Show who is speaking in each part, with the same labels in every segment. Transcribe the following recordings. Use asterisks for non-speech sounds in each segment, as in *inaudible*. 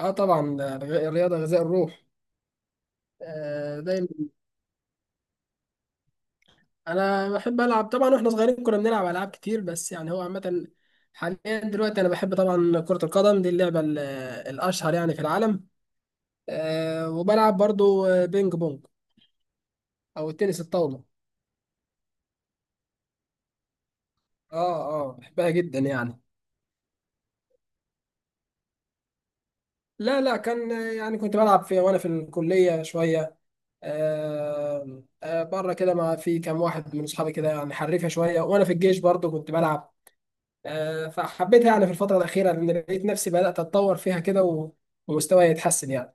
Speaker 1: اه طبعا ده الرياضه غذاء الروح. آه دايما. انا بحب العب طبعا واحنا صغيرين كنا بنلعب العاب كتير بس يعني هو عامه. حاليا دلوقتي انا بحب طبعا كره القدم، دي اللعبه الاشهر يعني في العالم. وبلعب برضو بينج بونج او التنس الطاوله. اه اه، بحبها جدا يعني. لا لا، كان يعني كنت بلعب في وانا في الكليه شويه. بره كده مع في كام واحد من اصحابي كده يعني حريفه شويه، وانا في الجيش برضو كنت بلعب. فحبيتها يعني في الفترة الأخيرة، لأن لقيت نفسي بدأت أتطور فيها كده ومستواي يتحسن يعني.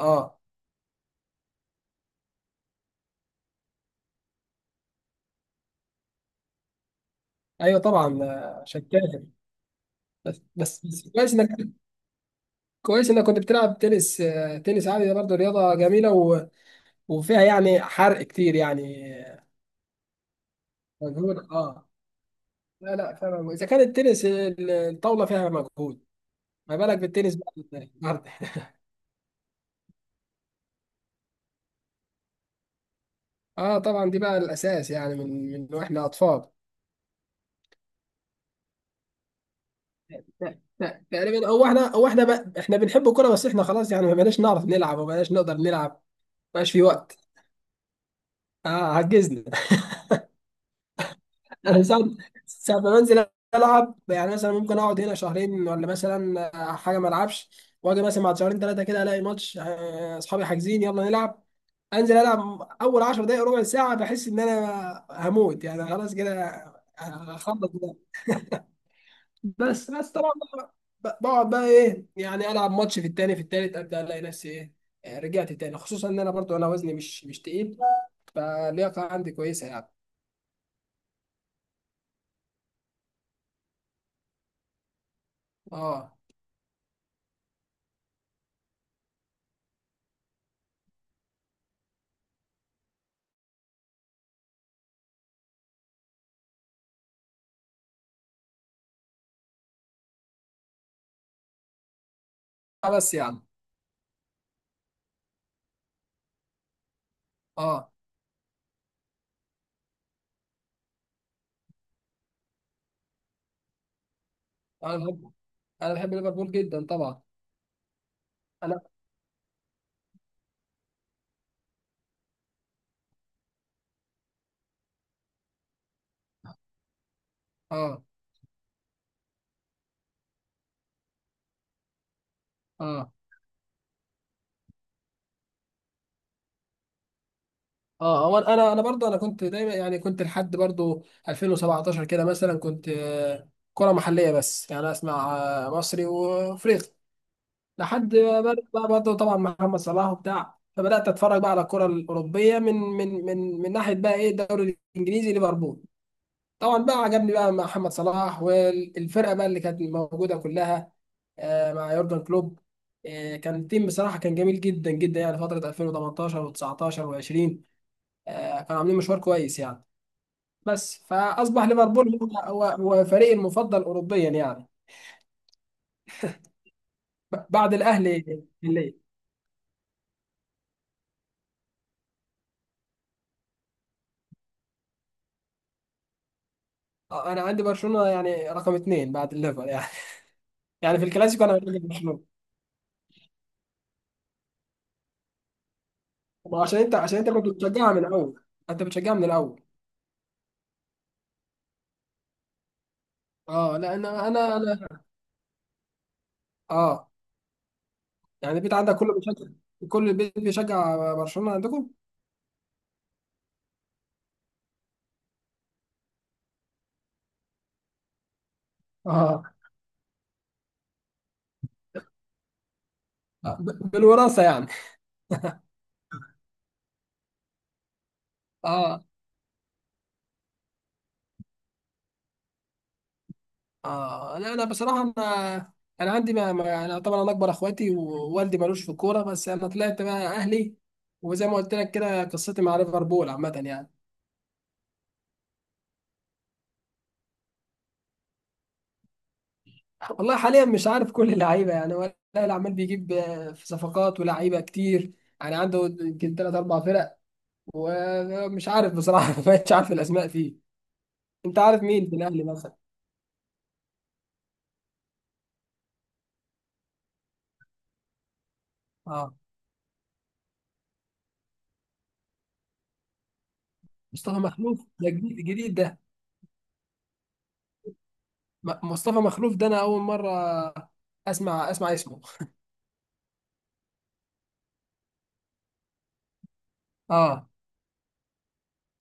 Speaker 1: أه أيوه طبعا، عشان كده. بس كويس إنك كنت بتلعب تنس عادي، ده برضه رياضة جميلة وفيها يعني حرق كتير يعني. مجهود أه. لا لا، فعلا إذا كان التنس الطاولة فيها مجهود، ما بالك بالتنس بقى النهارده *laughs* أه طبعا، دي بقى الأساس يعني من وإحنا أطفال. تقريبا، هو احنا بقى احنا بنحب الكوره، بس احنا خلاص يعني ما بقيناش نعرف نلعب وما بقيناش نقدر نلعب، ما بقاش في وقت. اه، عجزنا. *laughs* انا ساعة ما بنزل العب يعني، مثلا ممكن اقعد هنا شهرين، ولا مثلا حاجه ما العبش، واجي مثلا بعد شهرين ثلاثه كده الاقي ماتش، اصحابي حاجزين يلا نلعب. انزل العب اول 10 دقائق ربع ساعه بحس ان انا هموت يعني، خلاص كده هخلص. بس بس طبعا، بقعد بقى ايه يعني العب ماتش في التاني في التالت ابدا الاقي نفسي ايه، رجعت تاني. خصوصا ان انا برضو انا وزني مش تقيل، فاللياقه عندي كويسه يعني. اه. آه، بس يعني اه انا بحب انا بحب ليفربول جدا طبعا. انا اه اه اه هو انا برضو انا كنت دايما يعني، كنت لحد برضو 2017 كده مثلا كنت كرة محلية بس يعني، اسمع مصري وافريقي، لحد ما بدأ بقى برضه طبعا محمد صلاح وبتاع، فبدات اتفرج بقى على الكره الاوروبيه من ناحيه بقى ايه الدوري الانجليزي ليفربول. طبعا بقى عجبني بقى محمد صلاح والفرقه بقى اللي كانت موجوده كلها مع يورجن كلوب. كان التيم بصراحه كان جميل جدا جدا يعني، فتره 2018 و19 و20 كانوا عاملين مشوار كويس يعني. بس فاصبح ليفربول هو فريقي المفضل اوروبيا يعني، بعد الاهلي. انا عندي برشلونه يعني رقم 2 بعد الليفر يعني. *laughs* يعني في الكلاسيكو انا بشجع برشلونه. ما عشان انت كنت بتشجعها من الاول، انت بتشجعها من الاول. اه لا، انا اه. يعني البيت عندك كله بيشجع؟ كل البيت بيشجع برشلونه عندكم. اه، بالوراثه يعني. اه اه، لا انا بصراحه انا انا عندي انا طبعا انا اكبر اخواتي ووالدي ملوش في الكوره، بس انا طلعت بقى اهلي. وزي ما قلت لك كده، قصتي مع ليفربول عامه يعني. والله حاليا مش عارف كل اللعيبه يعني، ولا العمال بيجيب في صفقات ولاعيبه كتير يعني، عنده يمكن ثلاث اربع فرق، ومش عارف بصراحه *laughs* ما بقتش عارف الاسماء فيه. انت عارف مين في الاهلي مثلا؟ اه، مصطفى مخلوف ده جديد جديد ده. مصطفى مخلوف ده انا اول مره اسمع اسمه. اه.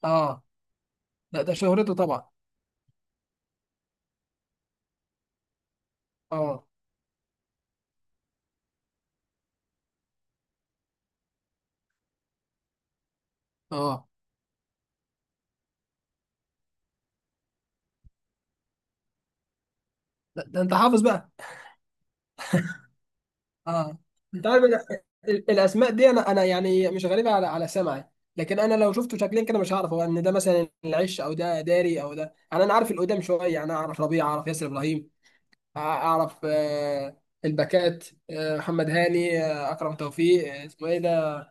Speaker 1: اه لا، ده شهرته طبعا. اه. اه ده انت حافظ بقى. اه، انت عارف الاسماء دي، انا يعني مش غريبه على سمعي، لكن انا لو شفته شكلين كده مش هعرف هو ان ده مثلا العش او ده داري او ده. يعني انا عارف القدام شويه، انا اعرف ربيع، اعرف ياسر ابراهيم، اعرف الباكات، محمد هاني، اكرم توفيق، اسمه ايه ده،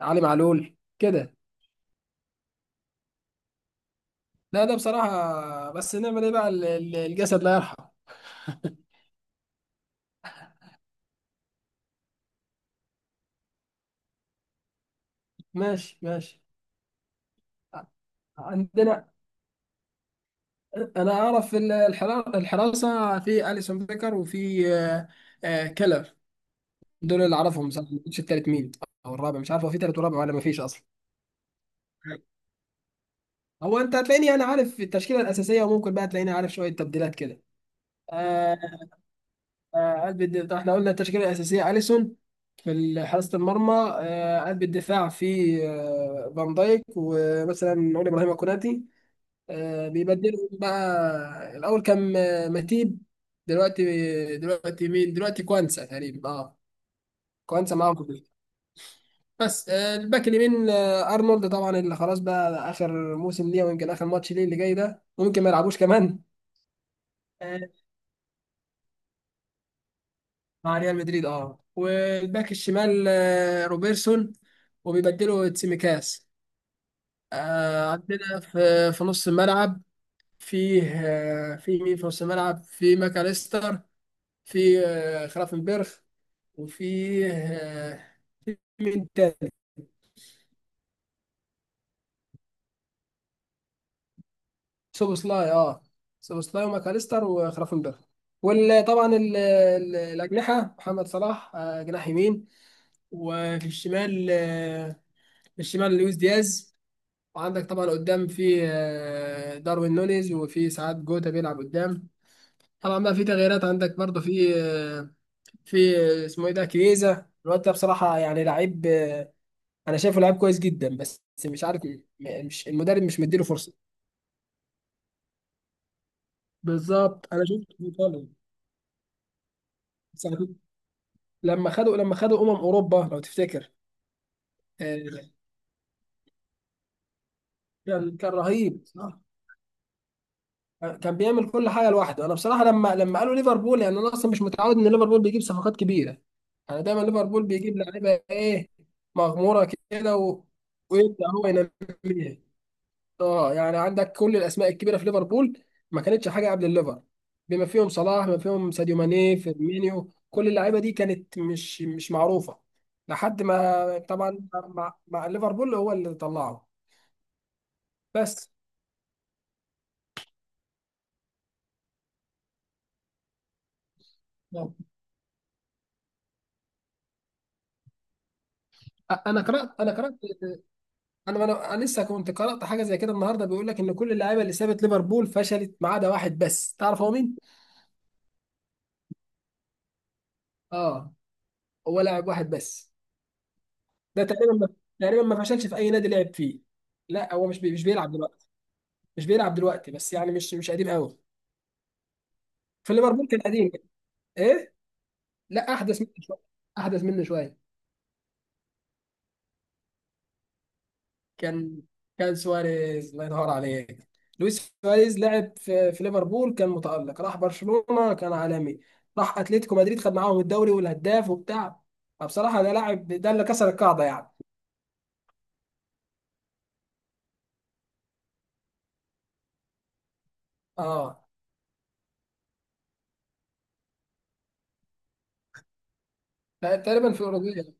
Speaker 1: علي معلول كده. لا ده بصراحه، بس نعمل ايه بقى، الجسد لا يرحم. ماشي ماشي. عندنا، انا اعرف الحراسه، في اليسون بيكر وفي كلر. دول اللي اعرفهم بصراحه، ما كنتش التالت مين او الرابع، مش عارف هو في تالت ورابع ولا ما فيش اصلا. هو انت هتلاقيني انا عارف التشكيله الاساسيه، وممكن بقى تلاقيني عارف شويه تبديلات كده. آه قلب الدفاع، احنا قلنا التشكيله الاساسيه اليسون في حراسه المرمى. قلب الدفاع في فان دايك، ومثلا نقول ابراهيم كوناتي. بيبدلوا بقى، الاول كان متيب، دلوقتي دلوقتي مين، دلوقتي كوانسا تقريبا اه. كوانسا معاهم في الفريق. بس الباك اليمين ارنولد طبعا، اللي خلاص بقى اخر موسم ليه، ويمكن اخر ماتش ليه اللي جاي ده، ممكن ما يلعبوش كمان آه، مع ريال مدريد. اه، والباك الشمال روبرتسون، وبيبدلوا تسيميكاس. عندنا في نص الملعب فيه في مين في نص الملعب، في ماكاليستر، في خلافنبرغ، وفيه في مين تاني، سوبوسلاي. اه، سوبوسلاي وماكاليستر وخرافنبرغ. وطبعا الأجنحة، محمد صلاح جناح يمين، وفي الشمال آه، في الشمال لويس دياز. وعندك طبعا قدام في داروين نونيز، وفي ساعات جوتا بيلعب قدام. طبعا بقى في تغييرات، عندك برضه في في اسمه ايه ده، كيزا الواد ده بصراحة يعني لعيب انا شايفه لعيب كويس جدا، بس مش عارف مش المدرب مش مديله فرصة. بالظبط، انا شفت في ايطاليا. ساعة- لما خدوا اوروبا لو تفتكر، آه، كان كان رهيب، صح. كان بيعمل كل حاجه لوحده. انا بصراحه لما قالوا ليفربول يعني، انا اصلا مش متعود ان ليفربول بيجيب صفقات كبيره. انا دايما ليفربول بيجيب لعيبه ايه، مغموره كده. ويبدا هو ينميها. اه، يعني عندك كل الاسماء الكبيره في ليفربول ما كانتش حاجه قبل الليفر، بما فيهم صلاح، بما فيهم ساديو ماني، فيرمينيو، كل اللعيبه دي كانت مش معروفه، لحد ما طبعا مع ليفربول هو اللي طلعه. بس. نعم. انا قرات، انا انا أنا لسه كنت قرات حاجه زي كده النهارده، بيقول لك ان كل اللعيبه اللي سابت ليفربول فشلت ما عدا واحد بس، تعرف هو مين؟ اه، هو لاعب واحد بس، ده تقريبا ما تقريبا ما فشلش في اي نادي لعب فيه. لا، هو مش بيلعب دلوقتي، بس يعني مش قديم قوي. في ليفربول كان قديم. ايه. لا، احدث مني شويه، احدث مني شويه. كان كان سواريز، الله ينور عليك. لويس سواريز لعب في ليفربول كان متألق، راح برشلونه كان عالمي، راح اتلتيكو مدريد خد معاهم الدوري والهداف وبتاع، فبصراحه ده لاعب، ده اللي كسر القاعده يعني. اه، تقريبا في اوروجواي.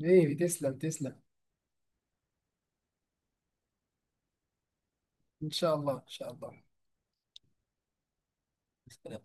Speaker 1: حبيبي تسلم تسلم. ان شاء الله، ان شاء الله.